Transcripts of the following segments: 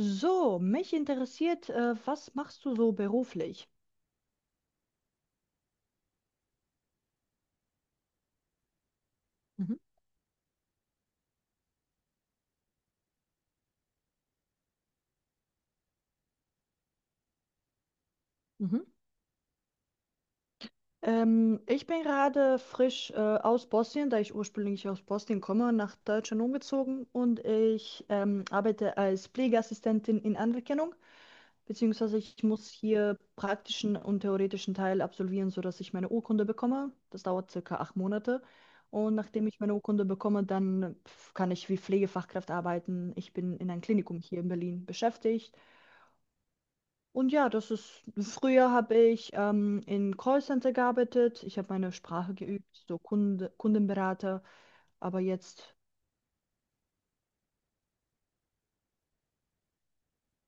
So, mich interessiert, was machst du so beruflich? Mhm. Mhm. Ich bin gerade frisch aus Bosnien, da ich ursprünglich aus Bosnien komme, nach Deutschland umgezogen, und ich arbeite als Pflegeassistentin in Anerkennung, beziehungsweise ich muss hier praktischen und theoretischen Teil absolvieren, sodass ich meine Urkunde bekomme. Das dauert circa 8 Monate. Und nachdem ich meine Urkunde bekomme, dann kann ich wie Pflegefachkraft arbeiten. Ich bin in einem Klinikum hier in Berlin beschäftigt. Und ja, das ist, früher habe ich in Callcenter gearbeitet. Ich habe meine Sprache geübt, so Kunde, Kundenberater. Aber jetzt,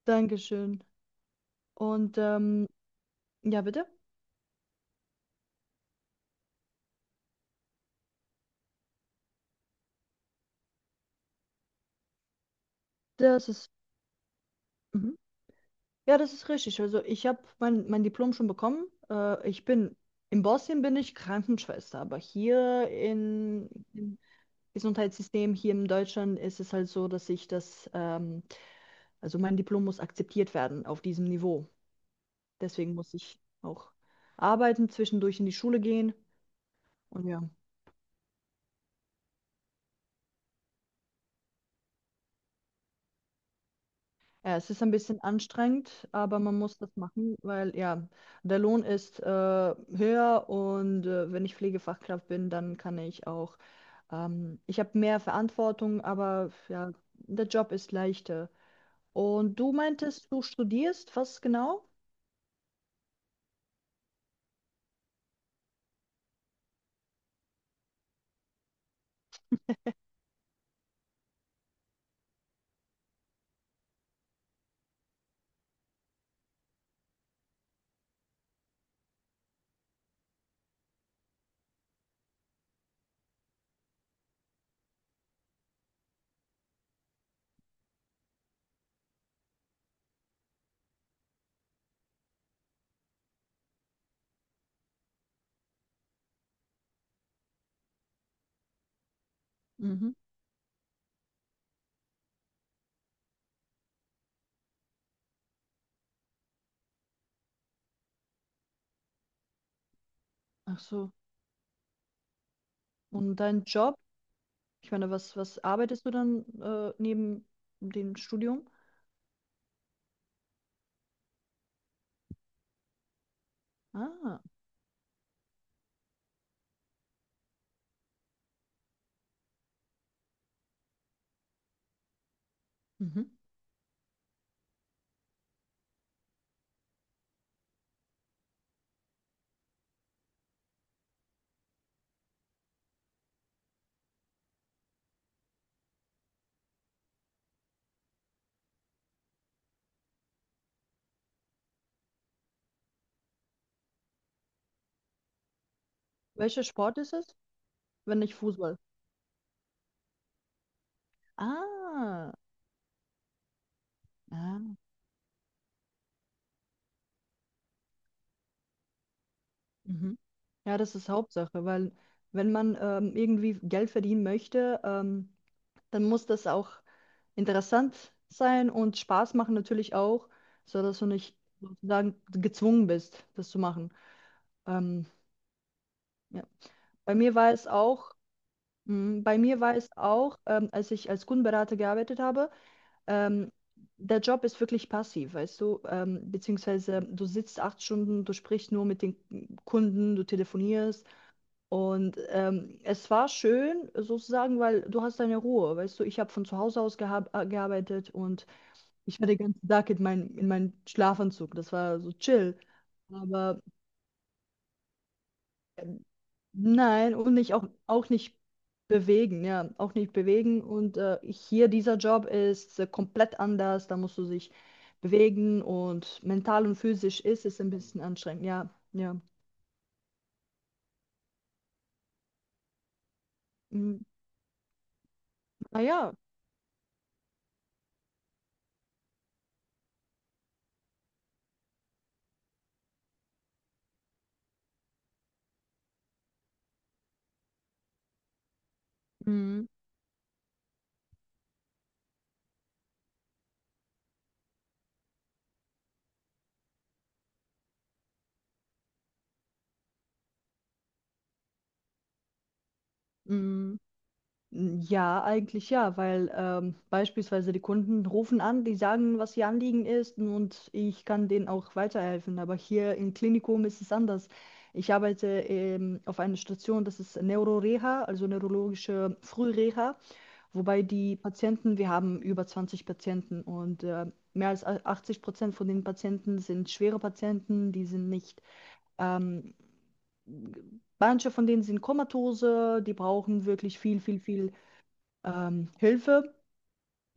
Dankeschön. Und ja, bitte. Das ist, mhm. Ja, das ist richtig. Also ich habe mein Diplom schon bekommen. Ich bin, in Bosnien bin ich Krankenschwester, aber hier im Gesundheitssystem, hier in Deutschland ist es halt so, dass ich das, also mein Diplom muss akzeptiert werden auf diesem Niveau. Deswegen muss ich auch arbeiten, zwischendurch in die Schule gehen. Und ja, ja, es ist ein bisschen anstrengend, aber man muss das machen, weil ja, der Lohn ist höher, und wenn ich Pflegefachkraft bin, dann kann ich auch, ich habe mehr Verantwortung, aber ja, der Job ist leichter. Und du meintest, du studierst, was genau? Mhm. Ach so. Und dein Job? Ich meine, was arbeitest du dann neben dem Studium? Ah. Mhm. Welcher Sport ist es? Wenn nicht Fußball. Ah, ah, mhm. Ja, das ist Hauptsache, weil wenn man irgendwie Geld verdienen möchte, dann muss das auch interessant sein und Spaß machen natürlich auch, sodass du nicht sozusagen gezwungen bist, das zu machen. Ähm, ja. Bei mir war es auch, Bei mir war es auch, als ich als Kundenberater gearbeitet habe. Ähm, Der Job ist wirklich passiv, weißt du? Beziehungsweise du sitzt 8 Stunden, du sprichst nur mit den Kunden, du telefonierst. Und es war schön sozusagen, weil du hast deine Ruhe, weißt du? Ich habe von zu Hause aus geha gearbeitet, und ich war den ganzen Tag in, mein, in meinem Schlafanzug. Das war so chill. Aber nein, und nicht auch nicht bewegen, ja, auch nicht bewegen. Und hier dieser Job ist komplett anders, da musst du dich bewegen, und mental und physisch ist es ein bisschen anstrengend, ja, ja. Mm, naja, mm, mm. Ja, eigentlich ja, weil beispielsweise die Kunden rufen an, die sagen, was ihr Anliegen ist, und ich kann denen auch weiterhelfen. Aber hier im Klinikum ist es anders. Ich arbeite auf einer Station, das ist Neuroreha, also neurologische Frühreha, wobei die Patienten, wir haben über 20 Patienten, und mehr als 80% von den Patienten sind schwere Patienten, die sind nicht ähm, manche von denen sind komatose, die brauchen wirklich viel, viel, viel Hilfe,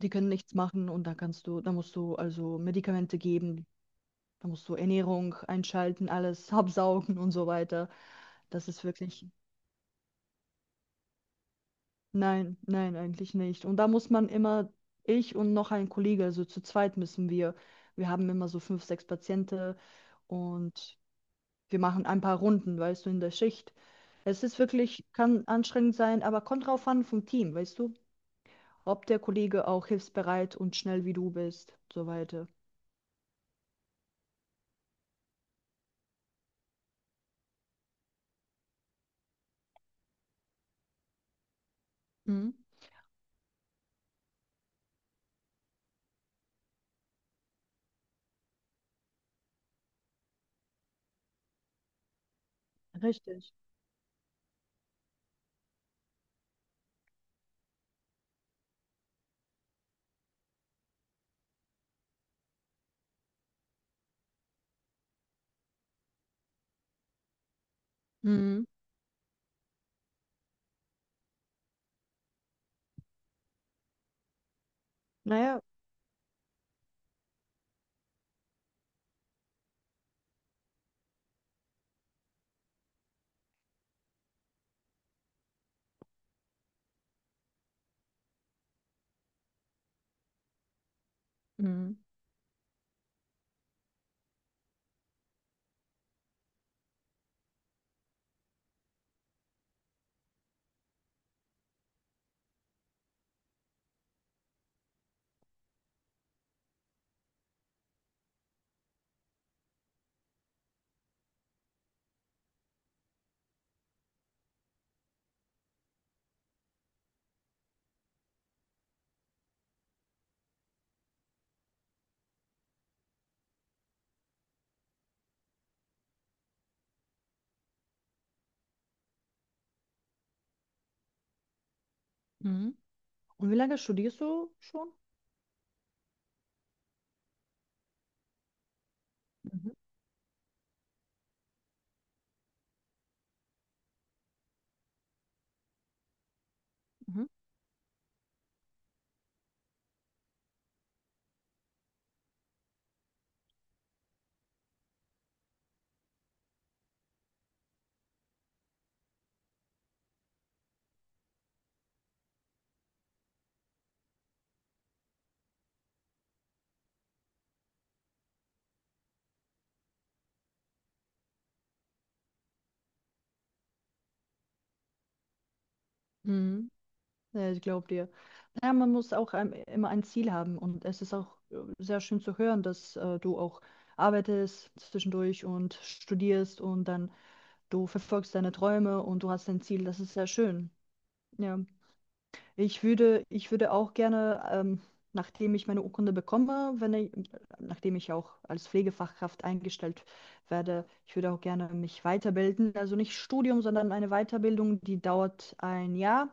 die können nichts machen, und da kannst du, da musst du also Medikamente geben, da musst du Ernährung einschalten, alles absaugen und so weiter. Das ist wirklich, nein, nein, eigentlich nicht. Und da muss man immer, ich und noch ein Kollege, also zu zweit müssen wir, wir haben immer so 5, 6 Patienten, und wir machen ein paar Runden, weißt du, in der Schicht. Es ist wirklich, kann anstrengend sein, aber kommt drauf an vom Team, weißt du, ob der Kollege auch hilfsbereit und schnell wie du bist, so weiter. Mhm. Richtig. Mhm. Naja, mhm. Mhm. Und wie lange studierst du schon? Mhm. Mhm. Mhm. Ja, ich glaube dir. Naja, man muss auch immer ein Ziel haben, und es ist auch sehr schön zu hören, dass du auch arbeitest zwischendurch und studierst, und dann du verfolgst deine Träume und du hast dein Ziel. Das ist sehr schön. Ja. Ich würde auch gerne, nachdem ich meine Urkunde bekomme, wenn ich, nachdem ich auch als Pflegefachkraft eingestellt werde, ich würde auch gerne mich weiterbilden. Also nicht Studium, sondern eine Weiterbildung, die dauert ein Jahr.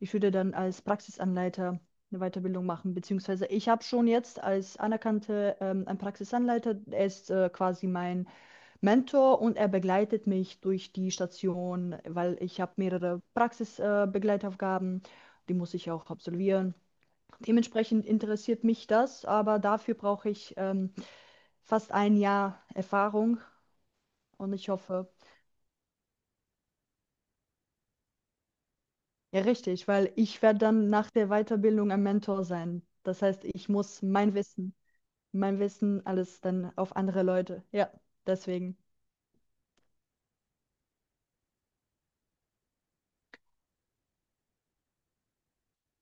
Ich würde dann als Praxisanleiter eine Weiterbildung machen, beziehungsweise ich habe schon jetzt als anerkannte ein Praxisanleiter, er ist quasi mein Mentor, und er begleitet mich durch die Station, weil ich habe mehrere Praxisbegleitaufgaben, Begleitaufgaben, die muss ich auch absolvieren. Dementsprechend interessiert mich das, aber dafür brauche ich fast ein Jahr Erfahrung, und ich hoffe, ja richtig, weil ich werde dann nach der Weiterbildung ein Mentor sein. Das heißt, ich muss mein Wissen alles dann auf andere Leute. Ja, deswegen.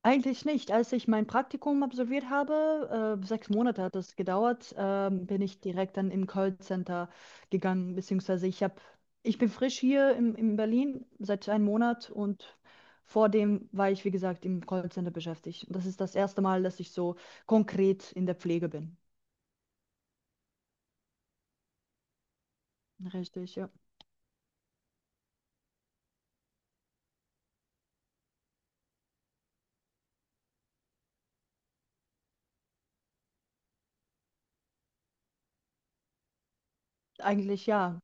Eigentlich nicht. Als ich mein Praktikum absolviert habe, 6 Monate hat es gedauert, bin ich direkt dann im Callcenter gegangen, beziehungsweise ich habe, ich bin frisch hier in Berlin seit einem Monat, und vor dem war ich, wie gesagt, im Callcenter beschäftigt. Und das ist das erste Mal, dass ich so konkret in der Pflege bin. Richtig, ja. Eigentlich ja.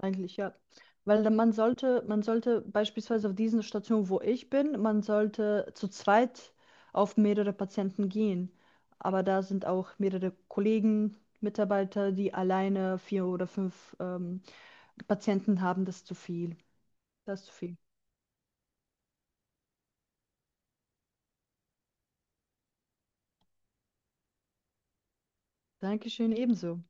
Eigentlich ja. Weil dann man sollte beispielsweise auf diesen Station wo ich bin, man sollte zu zweit auf mehrere Patienten gehen. Aber da sind auch mehrere Kollegen, Mitarbeiter, die alleine 4 oder 5 Patienten haben. Das ist zu viel. Das ist zu viel. Dankeschön, ebenso.